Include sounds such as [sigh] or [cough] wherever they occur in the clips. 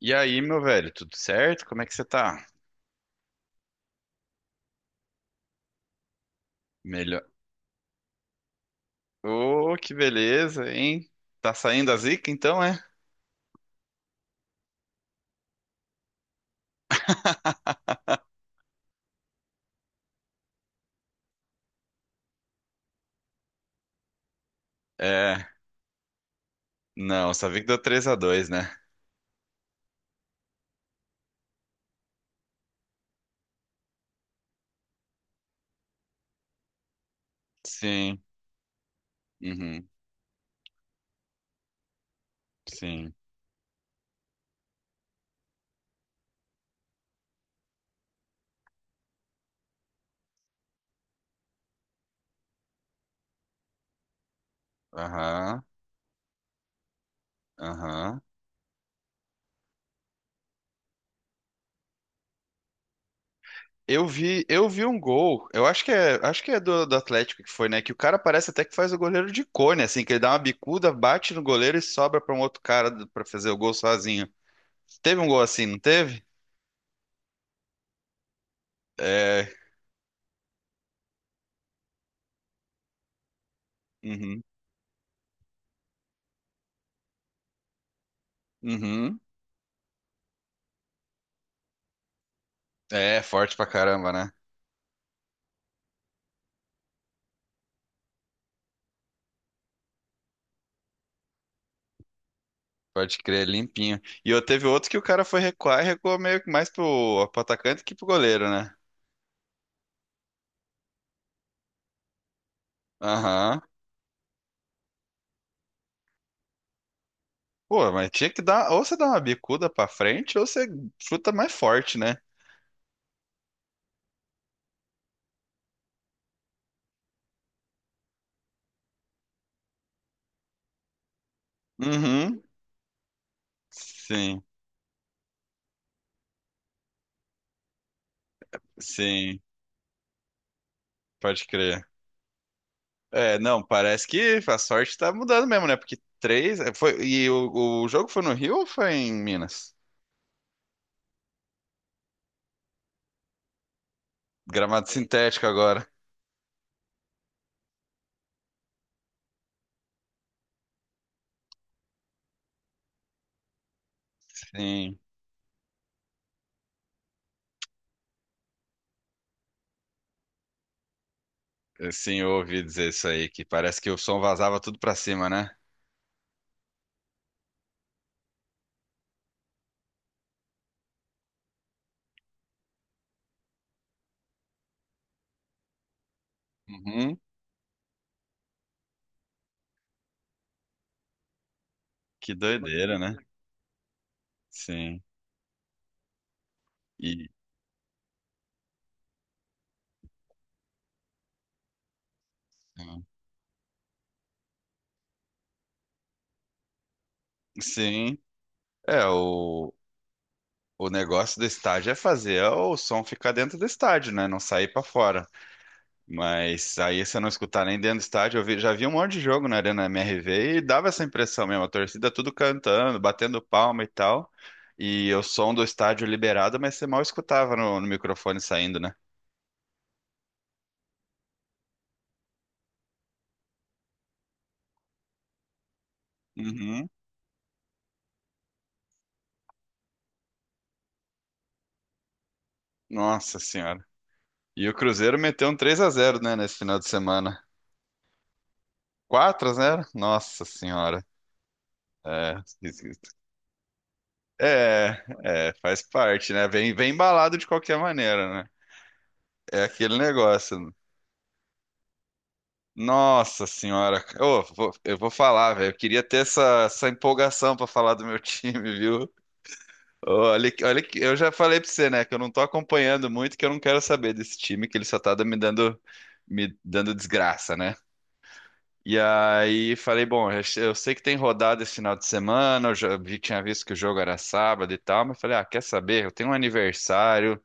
E aí, meu velho, tudo certo? Como é que você tá? Melhor. Ô, que beleza, hein? Tá saindo a zica então, é? É. Não, só vi que deu 3-2, né? Sim. Uhum. Sim. Aham. Aham. Eu vi um gol. Eu acho que é do Atlético que foi, né? Que o cara parece até que faz o goleiro de cone, assim, que ele dá uma bicuda, bate no goleiro e sobra pra um outro cara pra fazer o gol sozinho. Teve um gol assim, não teve? É. Uhum. Uhum. É, forte pra caramba, né? Pode crer, limpinho. E eu teve outro que o cara foi recuar e recuou meio que mais pro atacante que pro goleiro, né? Aham. Pô, mas tinha que dar. Ou você dá uma bicuda pra frente, ou você chuta mais forte, né? Uhum. Sim, sim. Pode crer. É, não, parece que a sorte tá mudando mesmo, né? Porque três. Foi, e o jogo foi no Rio ou foi em Minas? Gramado sintético agora. Sim, sim, eu ouvi dizer isso aí, que parece que o som vazava tudo pra cima, né? Uhum. Que doideira, né? Sim. E sim, é o negócio do estádio é fazer o som ficar dentro do estádio, né? Não sair pra fora. Mas aí você não escutar nem dentro do estádio, já vi um monte de jogo na Arena MRV e dava essa impressão mesmo, a torcida tudo cantando, batendo palma e tal. E o som do estádio liberado, mas você mal escutava no microfone saindo, né? Uhum. Nossa senhora. E o Cruzeiro meteu um 3-0, né, nesse final de semana. 4-0? Nossa senhora. É, esquisito. É, faz parte, né? Vem, vem embalado de qualquer maneira, né? É aquele negócio. Nossa senhora, Ô, eu vou falar, velho. Eu queria ter essa empolgação pra falar do meu [laughs] time, viu? Ô, Olha, eu já falei pra você, né, que eu não tô acompanhando muito, que eu não quero saber desse time, que ele só tá me dando desgraça, né? E aí falei, bom, eu sei que tem rodada esse final de semana, tinha visto que o jogo era sábado e tal, mas falei, ah, quer saber? Eu tenho um aniversário,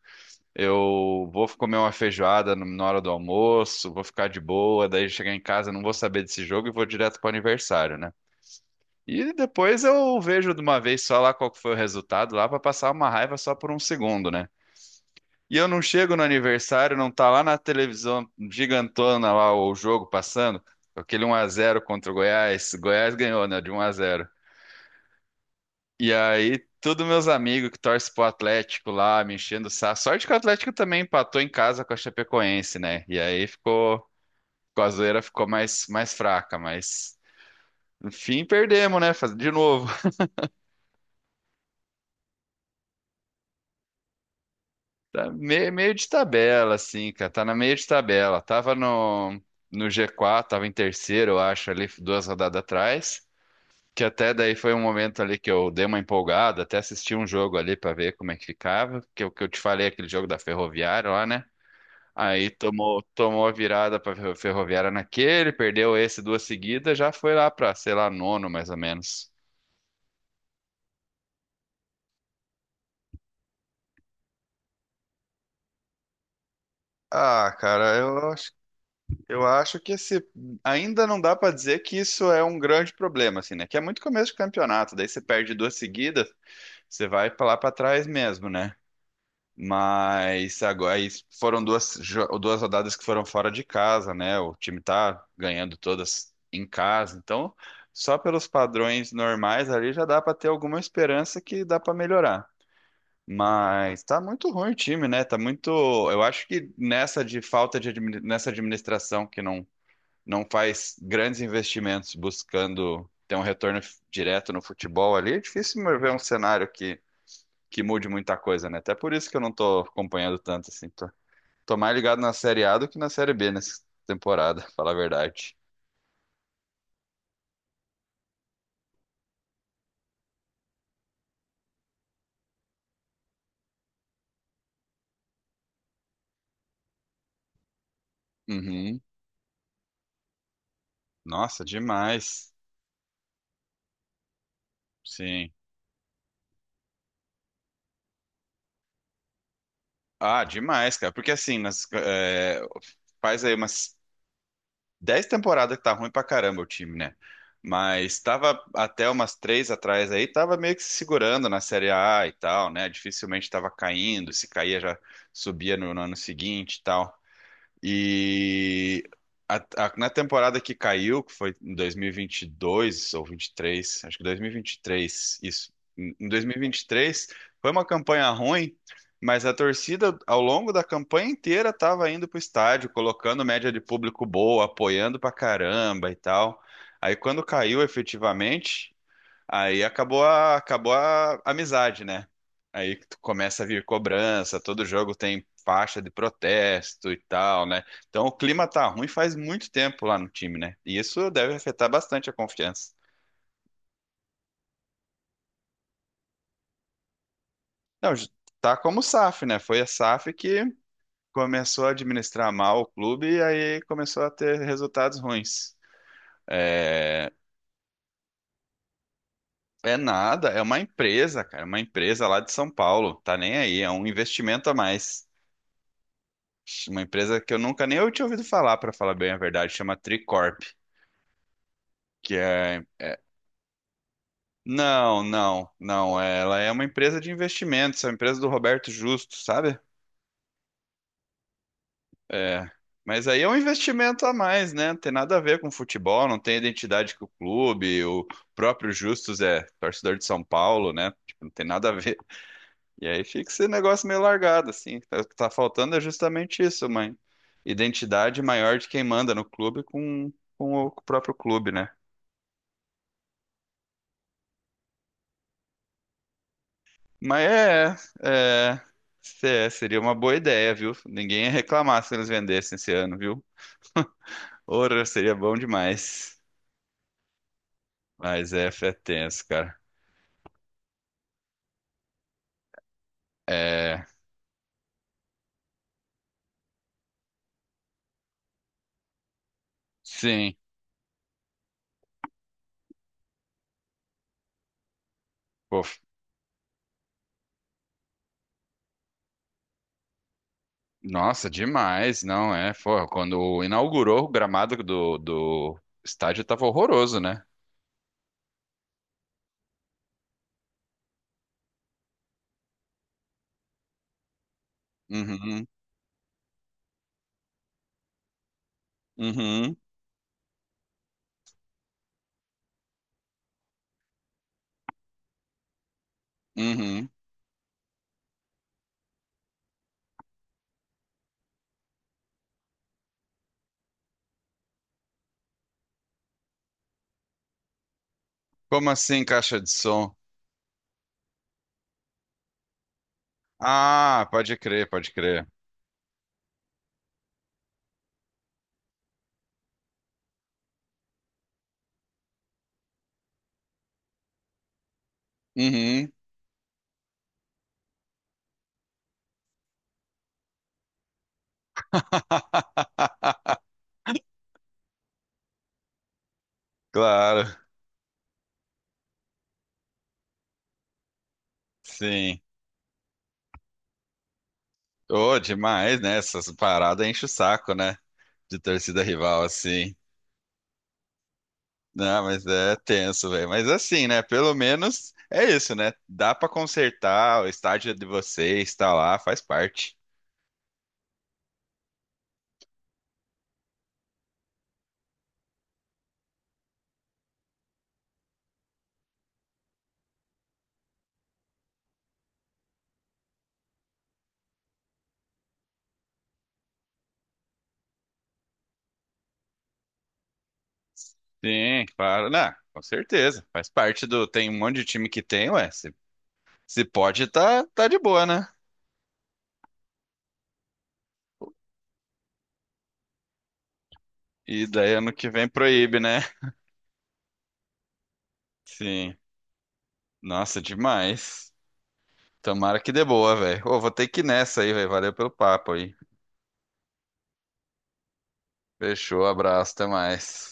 eu vou comer uma feijoada na hora do almoço, vou ficar de boa, daí chegar em casa não vou saber desse jogo e vou direto pro aniversário, né? E depois eu vejo de uma vez só lá qual que foi o resultado lá pra passar uma raiva só por um segundo, né? E eu não chego no aniversário, não tá lá na televisão gigantona lá o jogo passando, aquele 1-0 contra o Goiás. Goiás ganhou, né? De 1-0. E aí, todos meus amigos que torcem pro Atlético lá, me enchendo o saco. Sorte que o Atlético também empatou em casa com a Chapecoense, né? E aí ficou, com a zoeira ficou mais fraca, mas enfim, perdemos, né? De novo. Tá meio de tabela, assim, cara. Tá na meio de tabela. Tava no, no G4, tava em terceiro, eu acho, ali, duas rodadas atrás. Que até daí foi um momento ali que eu dei uma empolgada, até assisti um jogo ali pra ver como é que ficava. Que o que eu te falei, aquele jogo da Ferroviária lá, né? Aí tomou a virada pra Ferroviária naquele, perdeu esse duas seguidas, já foi lá pra, sei lá, nono mais ou menos. Ah, cara, Eu acho que esse ainda não dá para dizer que isso é um grande problema, assim, né? Que é muito começo de campeonato, daí você perde duas seguidas, você vai pra lá para trás mesmo, né? Mas agora aí foram duas, duas rodadas que foram fora de casa, né? O time tá ganhando todas em casa, então só pelos padrões normais ali já dá para ter alguma esperança que dá para melhorar. Mas tá muito ruim o time, né? Tá muito. Eu acho que nessa de falta de nessa administração que não faz grandes investimentos buscando ter um retorno direto no futebol ali, é difícil ver um cenário que mude muita coisa, né? Até por isso que eu não tô acompanhando tanto assim. Tô mais ligado na Série A do que na Série B nessa temporada, [laughs] falar a verdade. Uhum. Nossa, demais. Sim. Ah, demais, cara. Porque assim, faz aí umas 10 temporadas que tá ruim pra caramba o time, né? Mas tava até umas três atrás aí, tava meio que se segurando na Série A e tal, né? Dificilmente tava caindo, se caía já subia no ano seguinte e tal. E na temporada que caiu, que foi em 2022 ou 23, acho que 2023, isso. Em 2023 foi uma campanha ruim, mas a torcida ao longo da campanha inteira estava indo pro estádio, colocando média de público boa, apoiando pra caramba e tal. Aí quando caiu efetivamente, aí acabou a amizade, né? Aí tu começa a vir cobrança, todo jogo tem faixa de protesto e tal, né? Então o clima tá ruim faz muito tempo lá no time, né? E isso deve afetar bastante a confiança. Não, tá como o SAF, né? Foi a SAF que começou a administrar mal o clube e aí começou a ter resultados ruins. É, é nada, é uma empresa, cara, uma empresa lá de São Paulo, tá nem aí, é um investimento a mais. Uma empresa que eu nunca nem eu tinha ouvido falar, para falar bem a verdade, chama Tricorp, que é, Não, não, não. Ela é uma empresa de investimentos, é uma empresa do Roberto Justo, sabe? É. Mas aí é um investimento a mais, né? Não tem nada a ver com futebol, não tem identidade com o clube. O próprio Justus é torcedor de São Paulo, né? Tipo, não tem nada a ver. E aí fica esse negócio meio largado, assim. Tá, o que tá faltando é justamente isso, mãe. Identidade maior de quem manda no clube com o próprio clube, né? Mas é, é, seria uma boa ideia, viu? Ninguém ia reclamar se eles vendessem esse ano, viu? [laughs] Ora, seria bom demais. Mas é tenso, cara. É, sim. Pô, nossa, demais, não é? Pô, quando inaugurou o gramado do estádio tava horroroso, né? Uhum, uhum, uhum. Como assim caixa de som? Ah, pode crer, pode crer. Uhum. [laughs] Claro, sim. Ô, demais, né? Essas paradas enche o saco, né? De torcida rival, assim. Não, mas é tenso, velho. Mas assim, né? Pelo menos é isso, né? Dá pra consertar, o estádio é de vocês, tá lá, faz parte. Sim, claro. Não, com certeza. Faz parte do. Tem um monte de time que tem, ué. Se pode, tá, tá de boa, né? E daí ano que vem proíbe, né? Sim. Nossa, demais. Tomara que dê boa, velho. Ô, vou ter que ir nessa aí, velho. Valeu pelo papo aí. Fechou, abraço, até mais.